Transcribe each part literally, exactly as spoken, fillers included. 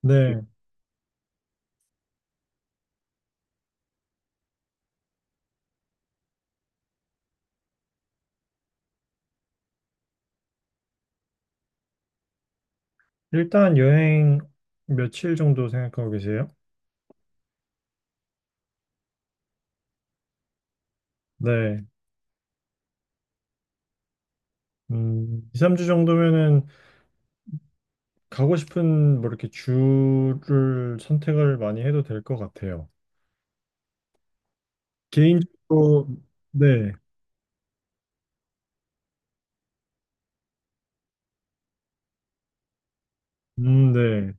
네. 일단 여행 며칠 정도 생각하고 계세요? 네. 음, 이, 삼 주 정도면은 가고 싶은 뭐 이렇게 주를 선택을 많이 해도 될 것 같아요. 개인적으로, 네. 음, 네.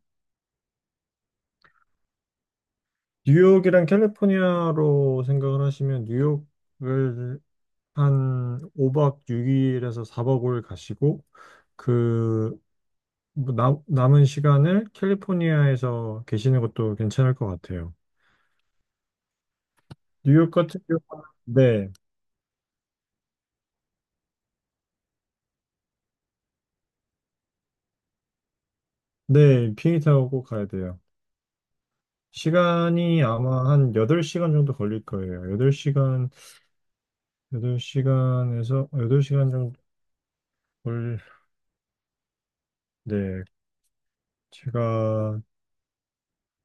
뉴욕이랑 캘리포니아로 생각을 하시면 뉴욕을 한 오 박 육 일에서 사 박 오 일 가시고 그 뭐 남, 남은 시간을 캘리포니아에서 계시는 것도 괜찮을 것 같아요. 뉴욕 같은 경우는, 네, 네, 비행기 타고 꼭 가야 돼요. 시간이 아마 한 여덟 시간 정도 걸릴 거예요. 여덟 시간, 여덟 시간에서 여덟 시간 정도 걸, 네, 제가,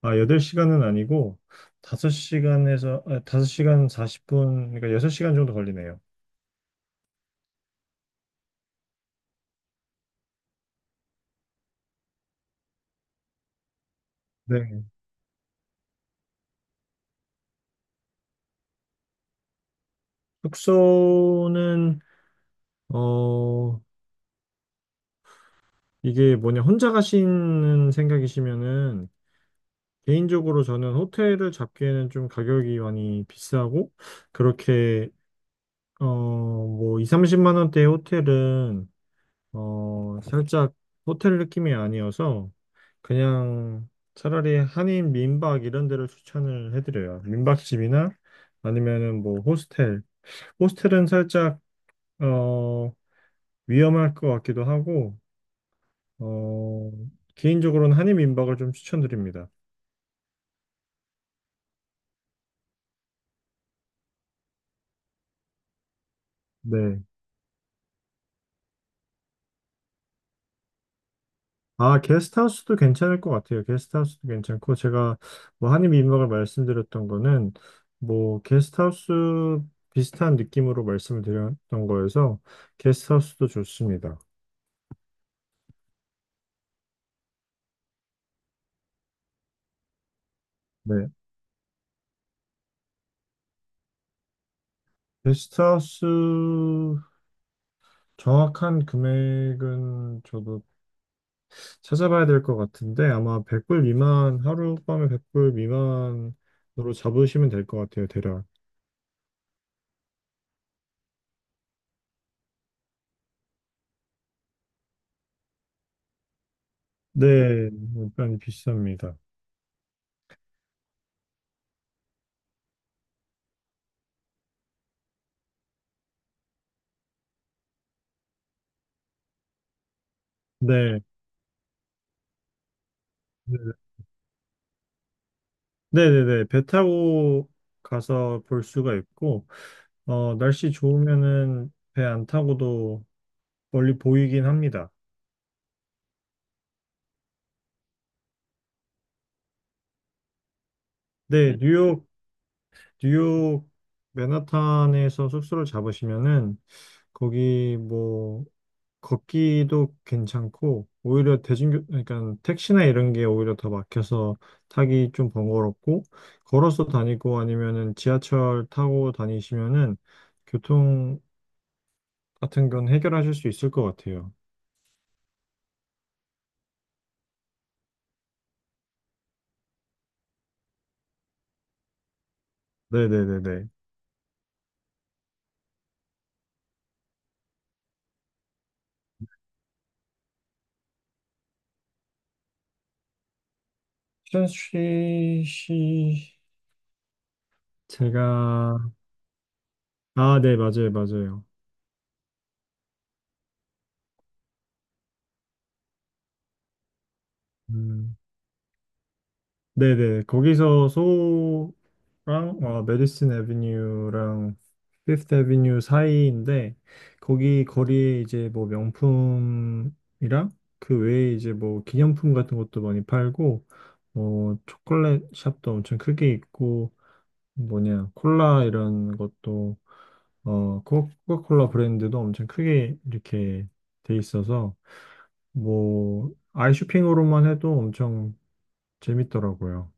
아, 여덟 시간은 아니고 다섯 시간에서, 아, 다섯 시간 사십 분, 그러니까 여섯 시간 정도 걸리네요. 네. 숙소는, 어, 이게 뭐냐, 혼자 가시는 생각이시면은 개인적으로 저는 호텔을 잡기에는 좀 가격이 많이 비싸고, 그렇게, 어, 뭐, 이, 삼십만 원대의 호텔은, 어, 살짝 호텔 느낌이 아니어서, 그냥 차라리 한인 민박 이런 데를 추천을 해드려요. 민박집이나 아니면은 뭐, 호스텔. 호스텔은 살짝, 어, 위험할 것 같기도 하고, 어, 개인적으로는 한인 민박을 좀 추천드립니다. 네. 아, 게스트하우스도 괜찮을 것 같아요. 게스트하우스도 괜찮고, 제가 뭐 한입 민박을 말씀드렸던 거는, 뭐, 게스트하우스 비슷한 느낌으로 말씀을 드렸던 거여서, 게스트하우스도 좋습니다. 네. 게스트하우스 정확한 금액은 저도 찾아봐야 될 것 같은데, 아마 백 불 미만, 하룻밤에 백 불 미만으로 잡으시면 될 것 같아요, 대략. 네, 일단 비쌉니다. 네. 그 네네네. 배 타고 가서 볼 수가 있고, 어, 날씨 좋으면은 배 안 타고도 멀리 보이긴 합니다. 네, 음. 뉴욕, 뉴욕 맨하탄에서 숙소를 잡으시면은 거기 뭐 걷기도 괜찮고, 오히려 대중교, 그러니까 택시나 이런 게 오히려 더 막혀서 타기 좀 번거롭고, 걸어서 다니고 아니면은 지하철 타고 다니시면은 교통 같은 건 해결하실 수 있을 것 같아요. 네네네네. 춘씨 씨, 제가. 아, 네, 맞아요, 맞아요. 음 네네, 거기서 소랑 어, 메디슨 애비뉴랑 피프트 애비뉴 사이인데 거기 거리에 이제 뭐 명품이랑 그 외에 이제 뭐 기념품 같은 것도 많이 팔고 어 초콜릿 샵도 엄청 크게 있고 뭐냐, 콜라 이런 것도, 어, 코- 코카콜라 브랜드도 엄청 크게 이렇게 돼 있어서, 뭐, 아이 쇼핑으로만 해도 엄청 재밌더라고요.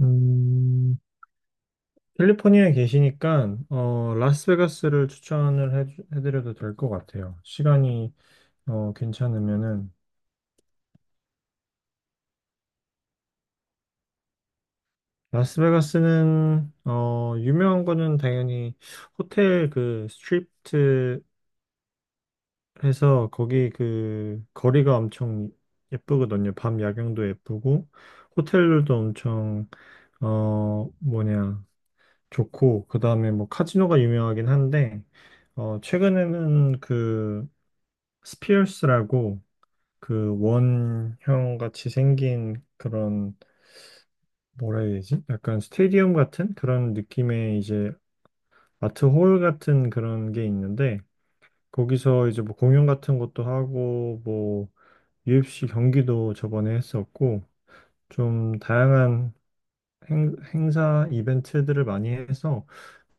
음, 캘리포니아에 계시니까, 어, 라스베가스를 추천을 해, 해드려도 될 것 같아요. 시간이, 어, 괜찮으면은. 라스베가스는, 어, 유명한 거는 당연히 호텔 그 스트립트 해서 거기 그 거리가 엄청 예쁘거든요. 밤 야경도 예쁘고 호텔들도 엄청 어 뭐냐, 좋고 그다음에 뭐 카지노가 유명하긴 한데 어 최근에는 그 스피어스라고 그 원형 같이 생긴 그런 뭐라 해야 되지? 약간 스테디움 같은 그런 느낌의 이제 아트홀 같은 그런 게 있는데 거기서 이제 뭐 공연 같은 것도 하고 뭐 유에프씨 경기도 저번에 했었고, 좀 다양한 행, 행사 이벤트들을 많이 해서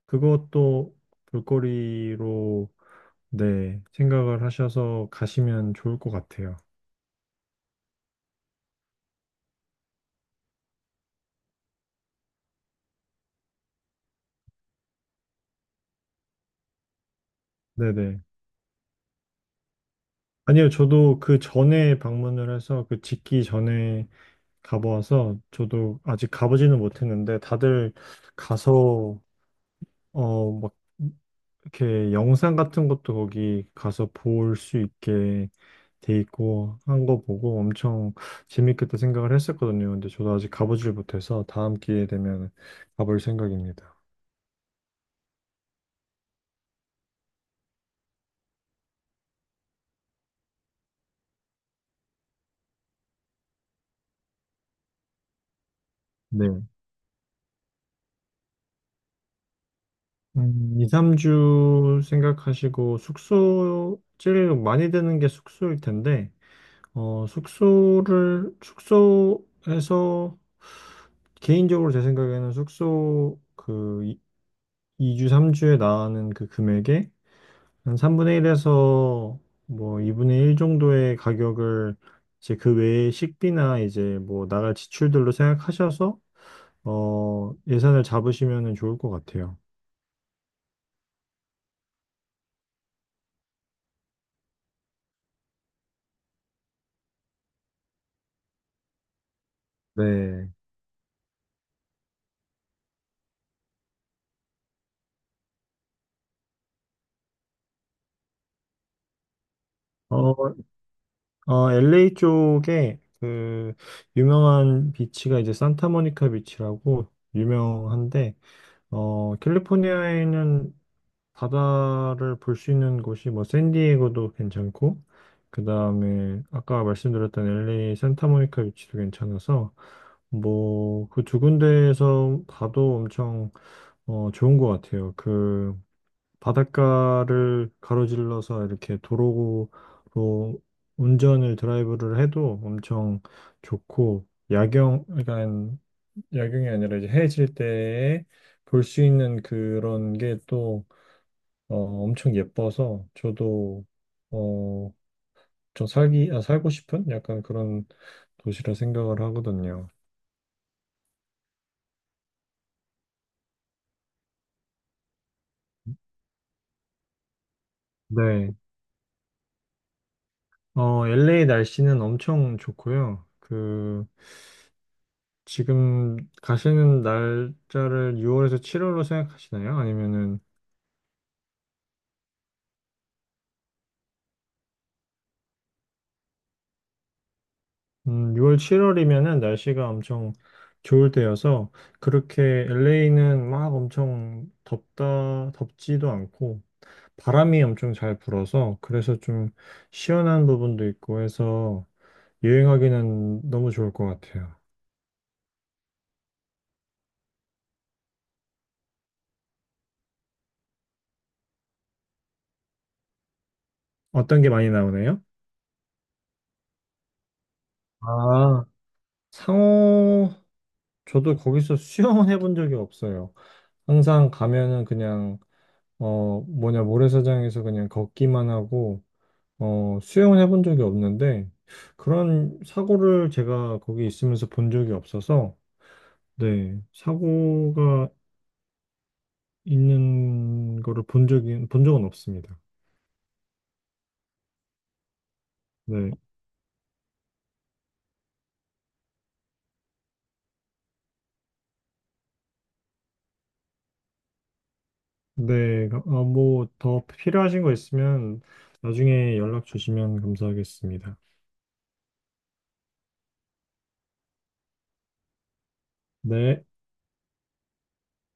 그것도 볼거리로 네, 생각을 하셔서 가시면 좋을 것 같아요. 네네. 아니요, 저도 그 전에 방문을 해서 그 짓기 전에 가보아서 저도 아직 가보지는 못했는데 다들 가서 어, 막 이렇게 영상 같은 것도 거기 가서 볼 수 있게 돼 있고 한 거 보고 엄청 재밌겠다 생각을 했었거든요. 근데 저도 아직 가보질 못해서 다음 기회 되면 가볼 생각입니다. 네. 한 이, 삼 주 생각하시고 숙소 제일 많이 드는 게 숙소일 텐데 어, 숙소를 숙소에서 개인적으로 제 생각에는 숙소 그 이 주, 삼 주에 나가는 그 금액에 한 삼분의 일에서 뭐 이분의 일 정도의 가격을 이제 그 외에 식비나 이제 뭐 나갈 지출들로 생각하셔서 어, 예산을 잡으시면 좋을 것 같아요. 네. 어, 어, 엘에이 쪽에 그 유명한 비치가 이제 산타모니카 비치라고 유명한데 어, 캘리포니아에는 바다를 볼 수 있는 곳이 뭐 샌디에고도 괜찮고 그 다음에 아까 말씀드렸던 엘에이 산타모니카 위치도 괜찮아서 뭐 그 두 군데에서 봐도 엄청 어, 좋은 것 같아요. 그 바닷가를 가로질러서 이렇게 도로로 운전을 드라이브를 해도 엄청 좋고 야경 그러니까 야경이 아니라 이제 해질 때 볼 수 있는 그런 게또 어, 엄청 예뻐서 저도 어, 좀 살기 아, 살고 싶은 약간 그런 도시라 생각을 하거든요. 네. 어, 엘에이 날씨는 엄청 좋고요. 그 지금 가시는 날짜를 유월에서 칠월로 생각하시나요? 아니면은 음, 유월 칠월이면은 날씨가 엄청 좋을 때여서 그렇게 엘에이는 막 엄청 덥다 덥지도 않고 바람이 엄청 잘 불어서 그래서 좀 시원한 부분도 있고 해서 여행하기는 너무 좋을 것 같아요. 어떤 게 많이 나오나요? 아, 상호, 저도 거기서 수영은 해본 적이 없어요. 항상 가면은 그냥 어 뭐냐, 모래사장에서 그냥 걷기만 하고 어 수영은 해본 적이 없는데 그런 사고를 제가 거기 있으면서 본 적이 없어서 네, 사고가 있는 거를 본 적이 본 적은 없습니다. 네. 네. 아, 뭐 더 필요하신 거 있으면 나중에 연락 주시면 감사하겠습니다. 네.